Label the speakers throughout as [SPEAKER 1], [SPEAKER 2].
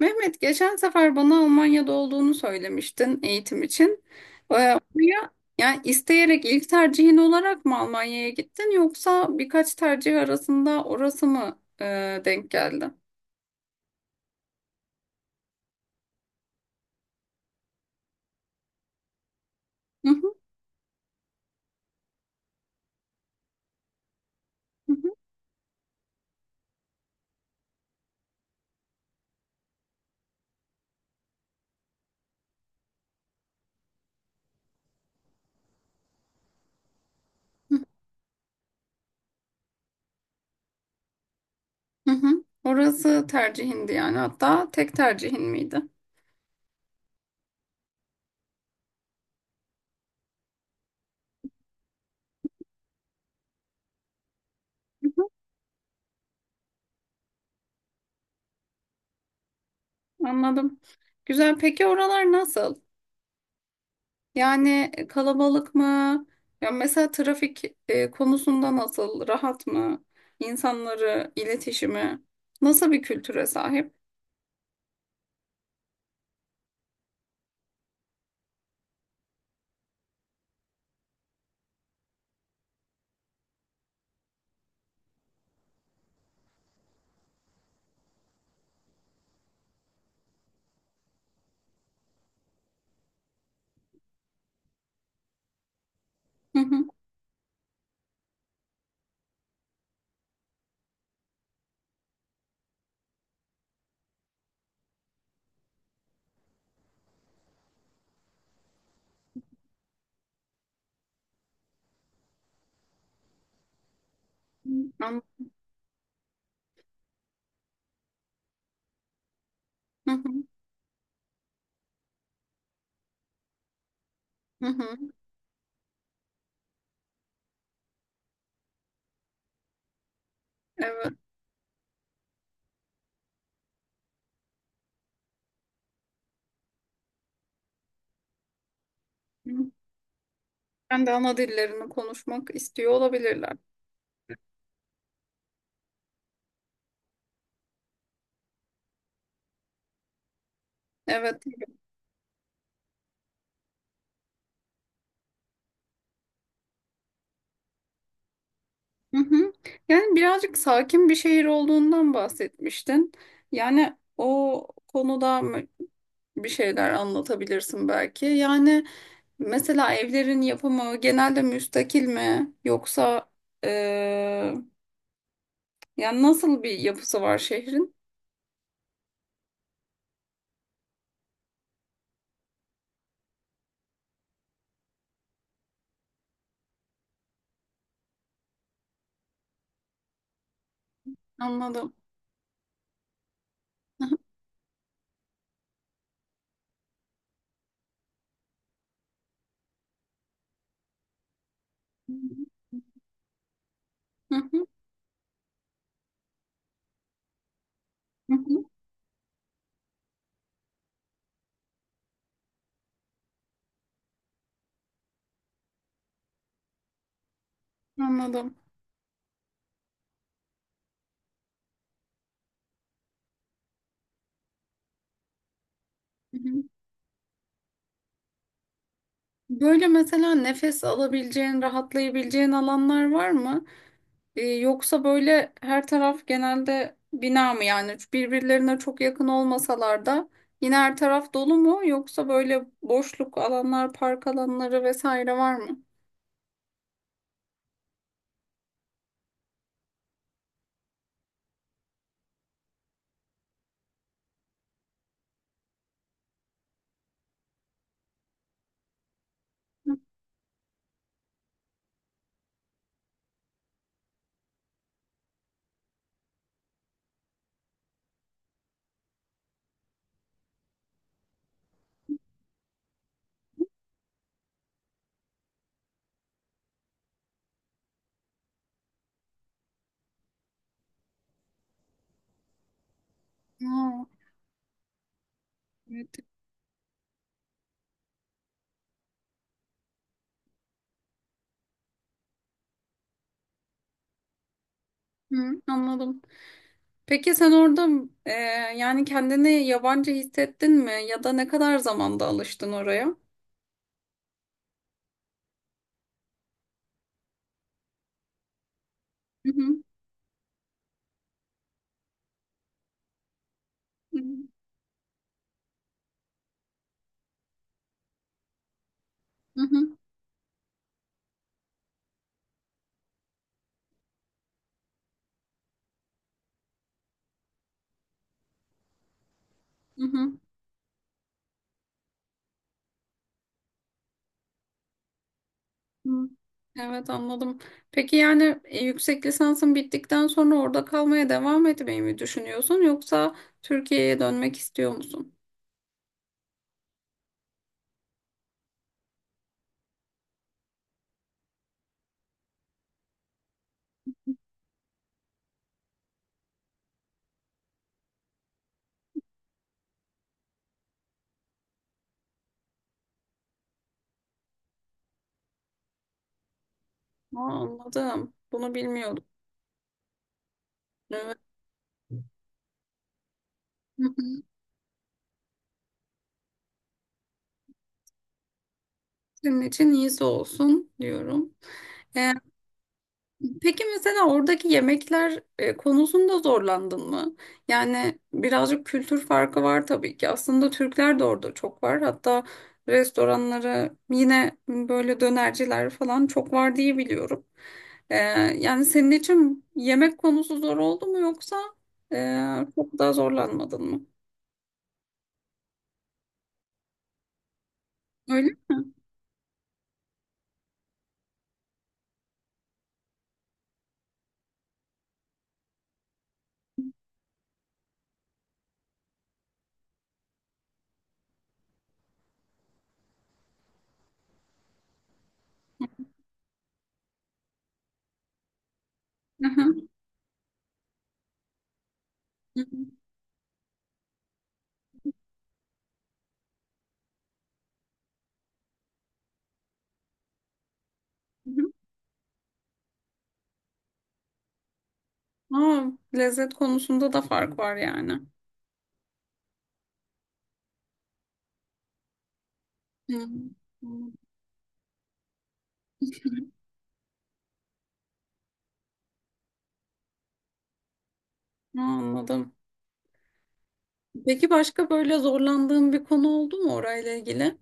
[SPEAKER 1] Mehmet, geçen sefer bana Almanya'da olduğunu söylemiştin eğitim için. Oraya yani isteyerek ilk tercihin olarak mı Almanya'ya gittin, yoksa birkaç tercih arasında orası mı denk geldi? Hı hı, hı hı, hı hı. Orası tercihindi yani, hatta tek tercihin miydi? Hı hı. Anladım. Güzel. Peki oralar nasıl? Yani kalabalık mı? Ya mesela trafik konusunda nasıl? Rahat mı? İnsanları, iletişimi nasıl bir kültüre sahip? Hı hı. An- Hı hı. Hı hı. Evet. Ben de ana dillerini konuşmak istiyor olabilirler. Evet. Hı hı. Yani birazcık sakin bir şehir olduğundan bahsetmiştin. Yani o konuda bir şeyler anlatabilirsin belki. Yani mesela evlerin yapımı genelde müstakil mi, yoksa e, yani nasıl bir yapısı var şehrin? Anladım. Hı hı, hı hı. Anladım. Hı hı. Böyle mesela nefes alabileceğin, rahatlayabileceğin alanlar var mı? Yoksa böyle her taraf genelde bina mı, yani birbirlerine çok yakın olmasalar da yine her taraf dolu mu, yoksa böyle boşluk alanlar, park alanları vesaire var mı? Aa, evet. Hı, anladım. Peki sen orada e, yani kendini yabancı hissettin mi, ya da ne kadar zamanda alıştın oraya? Hı hı, hı hı, hı hı. Hı. Evet, anladım. Peki yani yüksek lisansın bittikten sonra orada kalmaya devam etmeyi mi düşünüyorsun, yoksa Türkiye'ye dönmek istiyor musun? Aa, anladım. Bunu bilmiyordum. Evet. Hı hı. Senin için iyisi olsun diyorum. Ee, Peki mesela oradaki yemekler konusunda zorlandın mı? Yani birazcık kültür farkı var tabii ki. Aslında Türkler de orada çok var. Hatta restoranları, yine böyle dönerciler falan çok var diye biliyorum. E, Yani senin için yemek konusu zor oldu mu, yoksa çok daha zorlanmadın mı? Öyle mi? Hı hı. Hı hı. Hı hı. Aa, lezzet konusunda da fark var yani. Hı. Hı. Aa, anladım. Peki başka böyle zorlandığın bir konu oldu mu orayla ilgili?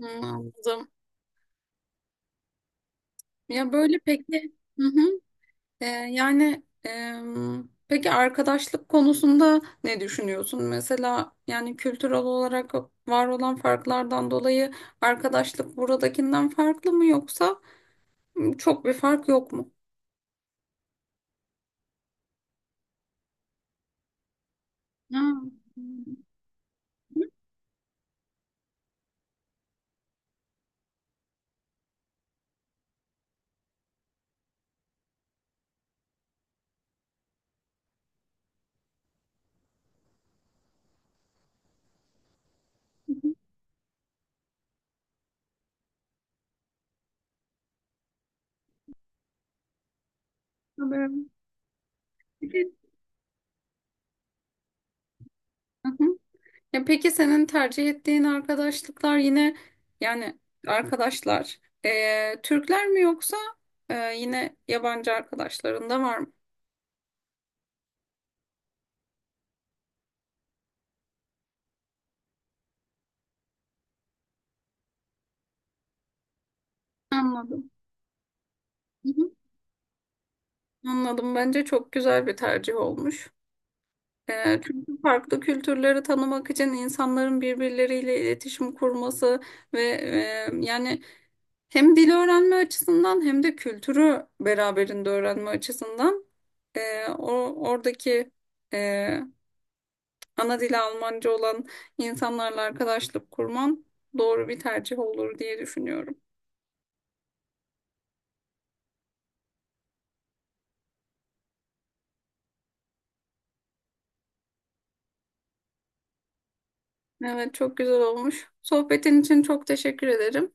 [SPEAKER 1] Hı, anladım. Ya böyle peki, hı hı. Peki arkadaşlık konusunda ne düşünüyorsun? Mesela yani kültürel olarak var olan farklardan dolayı arkadaşlık buradakinden farklı mı, yoksa çok bir fark yok mu? Ha, tabii. Peki. Hı hı. Ya peki senin tercih ettiğin arkadaşlıklar yine yani arkadaşlar Türkler mi, yoksa yine yabancı arkadaşların da var mı? Anladım. Hı hı. Anladım. Bence çok güzel bir tercih olmuş. Çünkü farklı kültürleri tanımak için insanların birbirleriyle iletişim kurması ve yani hem dil öğrenme açısından, hem de kültürü beraberinde öğrenme açısından o oradaki ana dili Almanca olan insanlarla arkadaşlık kurman doğru bir tercih olur diye düşünüyorum. Evet, çok güzel olmuş. Sohbetin için çok teşekkür ederim.